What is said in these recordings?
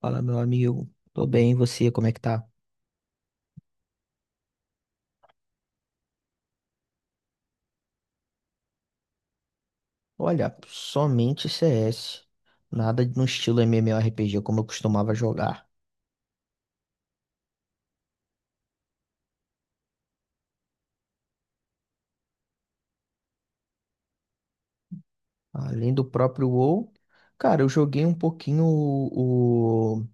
Fala, meu amigo. Tô bem, e você, como é que tá? Olha, somente CS. Nada no estilo MMORPG como eu costumava jogar. Além do próprio WoW, cara, eu joguei um pouquinho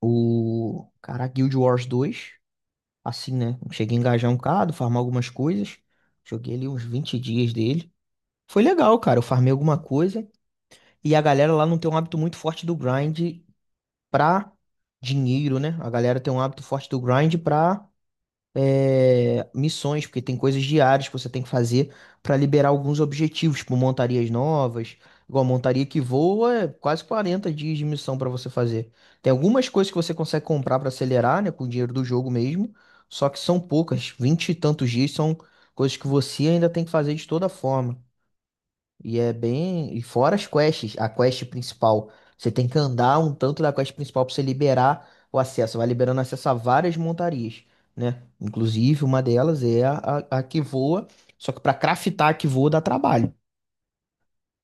o cara, Guild Wars 2, assim, né? Cheguei a engajar um bocado, farmar algumas coisas. Joguei ali uns 20 dias dele. Foi legal, cara. Eu farmei alguma coisa. E a galera lá não tem um hábito muito forte do grind pra dinheiro, né? A galera tem um hábito forte do grind pra missões, porque tem coisas diárias que você tem que fazer para liberar alguns objetivos, tipo montarias novas. Igual a montaria que voa, é quase 40 dias de missão para você fazer. Tem algumas coisas que você consegue comprar para acelerar, né, com o dinheiro do jogo mesmo, só que são poucas, 20 e tantos dias são coisas que você ainda tem que fazer de toda forma. E é bem. E fora as quests, a quest principal. Você tem que andar um tanto da quest principal pra você liberar o acesso. Vai liberando acesso a várias montarias, né? Inclusive, uma delas é a que voa. Só que pra craftar a que voa dá trabalho.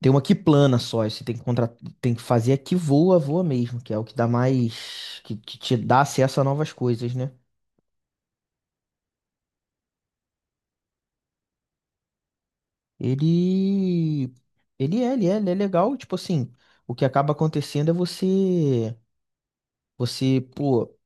Tem uma que plana só. E você tem que, tem que fazer a que voa, voa mesmo, que é o que dá mais. Que te dá acesso a novas coisas, né? Ele. Ele é legal. Tipo assim, o que acaba acontecendo é você. Você, pô.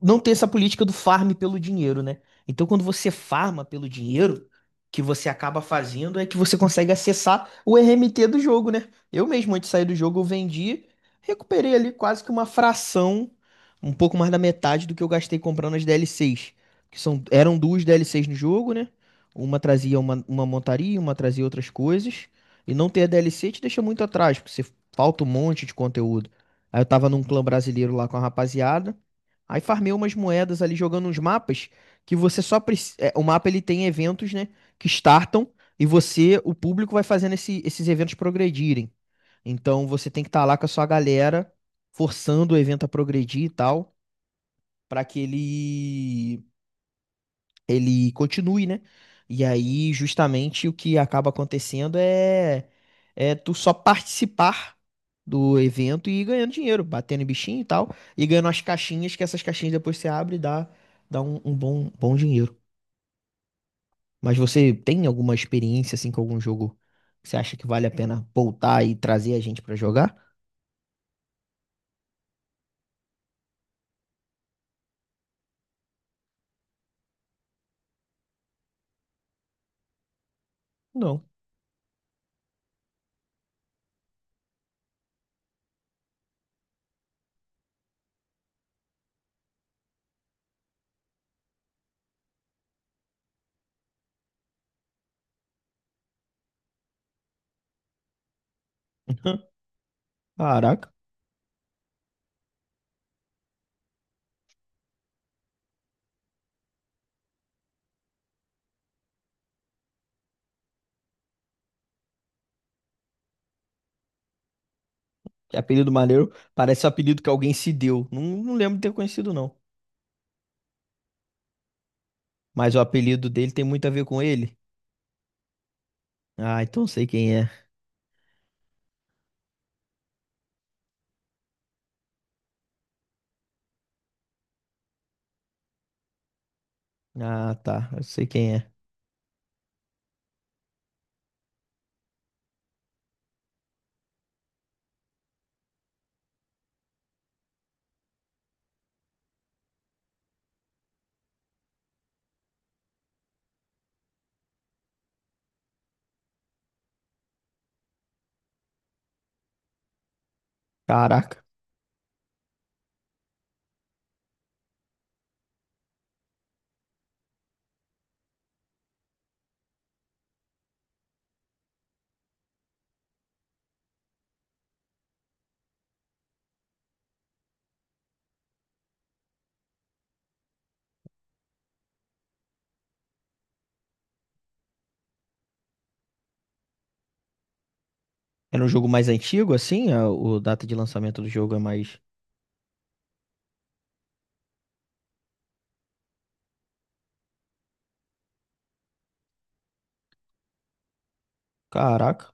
Não tem essa política do farm pelo dinheiro, né? Então, quando você farma pelo dinheiro, que você acaba fazendo é que você consegue acessar o RMT do jogo, né? Eu mesmo, antes de sair do jogo, eu vendi, recuperei ali quase que uma fração, um pouco mais da metade do que eu gastei comprando as DLCs, que são, eram duas DLCs no jogo, né? Uma trazia uma montaria, uma trazia outras coisas. E não ter a DLC te deixa muito atrás, porque você falta um monte de conteúdo. Aí eu tava num clã brasileiro lá com a rapaziada. Aí farmei umas moedas ali jogando uns mapas que você só precisa. O mapa ele tem eventos, né? Que startam e você, o público, vai fazendo esses eventos progredirem. Então você tem que estar lá com a sua galera, forçando o evento a progredir e tal, para que ele continue, né? E aí, justamente, o que acaba acontecendo é tu só participar do evento e ir ganhando dinheiro, batendo em bichinho e tal, e ganhando as caixinhas, que essas caixinhas depois você abre e dá um, um bom dinheiro. Mas você tem alguma experiência, assim, com algum jogo que você acha que vale a pena voltar e trazer a gente pra jogar? Não. Caraca, que apelido maneiro. Parece um apelido que alguém se deu. Não, não lembro de ter conhecido, não. Mas o apelido dele tem muito a ver com ele. Ah, então sei quem é. Ah, tá. Eu sei quem é. Caraca. Era um jogo mais antigo, assim? O data de lançamento do jogo é mais. Caraca.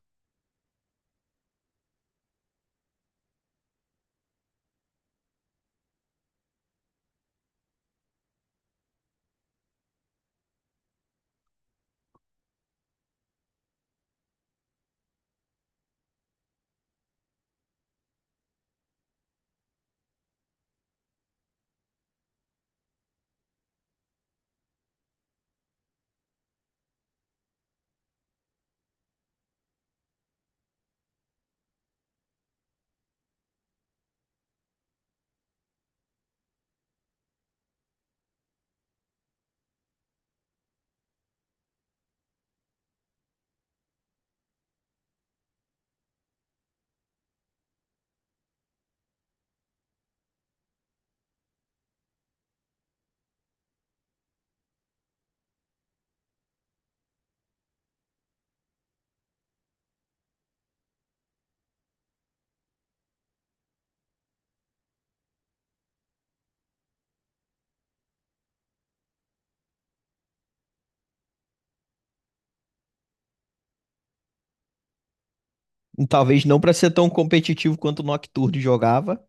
Talvez não pra ser tão competitivo quanto o Nocturne jogava.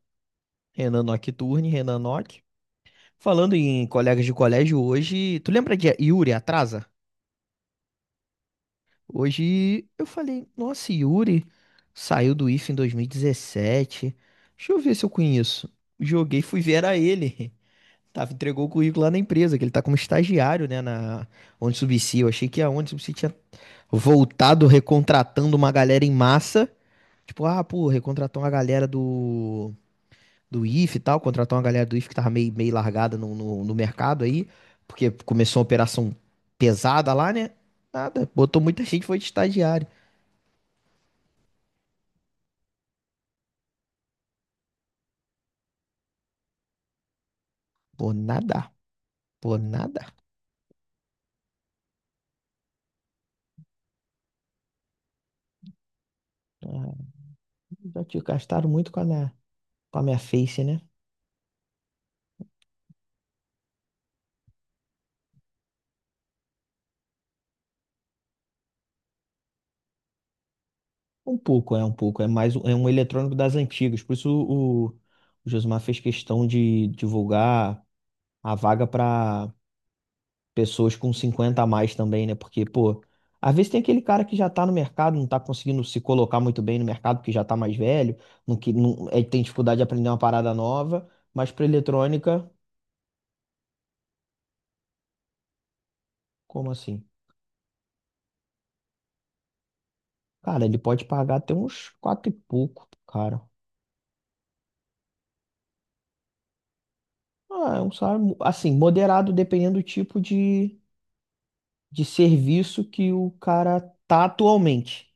Renan Nocturne, Renan Nock. Falando em colegas de colégio hoje. Tu lembra de Yuri Atrasa? Hoje eu falei, nossa, Yuri saiu do IF em 2017. Deixa eu ver se eu conheço. Joguei, fui ver, era ele. Tava, entregou o currículo lá na empresa, que ele tá como estagiário, né, na Onde Subsea. Eu achei que a Onde Subsea tinha voltado recontratando uma galera em massa. Tipo, ah, pô, recontratou uma galera do Ife e tal, contratou uma galera do Ife que tava meio, meio largada no mercado aí, porque começou uma operação pesada lá, né? Nada, botou muita gente, foi de estagiário. Pô, nada, pô, nada. Ah, já te gastaram muito com a minha face, né? Um pouco. É mais é um eletrônico das antigas. Por isso o Josmar fez questão de divulgar a vaga para pessoas com 50 a mais também, né? Porque, pô, às vezes tem aquele cara que já tá no mercado, não tá conseguindo se colocar muito bem no mercado porque já tá mais velho, não, que, não, é, tem dificuldade de aprender uma parada nova, mas para eletrônica, como assim? Cara, ele pode pagar até uns quatro e pouco, cara. Ah, é um salário, assim, moderado dependendo do tipo de serviço que o cara tá atualmente.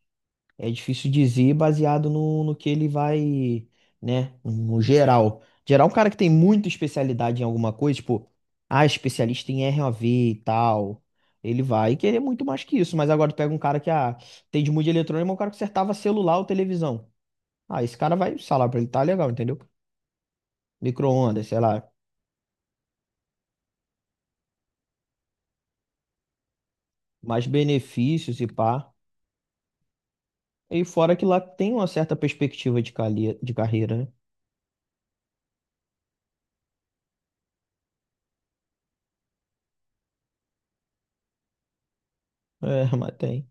É difícil dizer baseado no que ele vai, né, no geral. Geral, é um cara que tem muita especialidade em alguma coisa, tipo, ah, especialista em RAV e tal, ele vai querer muito mais que isso. Mas agora tu pega um cara que, ah, tem de música eletrônica, mas um cara que acertava celular ou televisão. Ah, esse cara vai, o salário pra ele tá legal, entendeu? Micro-ondas, sei lá, mais benefícios e pá. E fora que lá tem uma certa perspectiva de, de carreira, né? É, mas tem.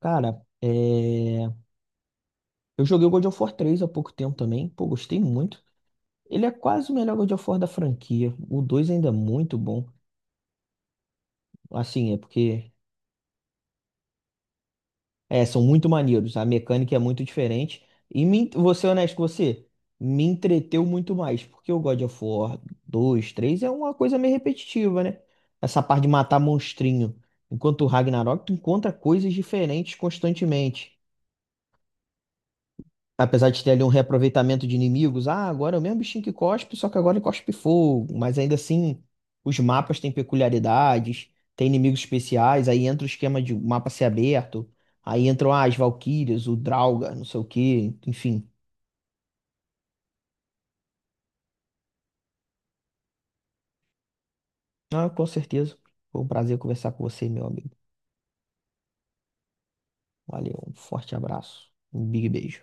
Cara, é... eu joguei o God of War 3 há pouco tempo também. Pô, gostei muito. Ele é quase o melhor God of War da franquia. O 2 ainda é muito bom. Assim, é porque... É, são muito maneiros. A mecânica é muito diferente. E me... vou ser honesto com você. Me entreteu muito mais. Porque o God of War dois, três é uma coisa meio repetitiva, né? Essa parte de matar monstrinho. Enquanto o Ragnarok, tu encontra coisas diferentes constantemente. Apesar de ter ali um reaproveitamento de inimigos, ah, agora é o mesmo bichinho que cospe, só que agora ele cospe fogo. Mas ainda assim, os mapas têm peculiaridades, tem inimigos especiais, aí entra o esquema de mapa ser aberto, aí entram ah, as Valquírias, o Draugr, não sei o quê, enfim. Ah, com certeza. Foi um prazer conversar com você, meu amigo. Valeu, um forte abraço, um big beijo.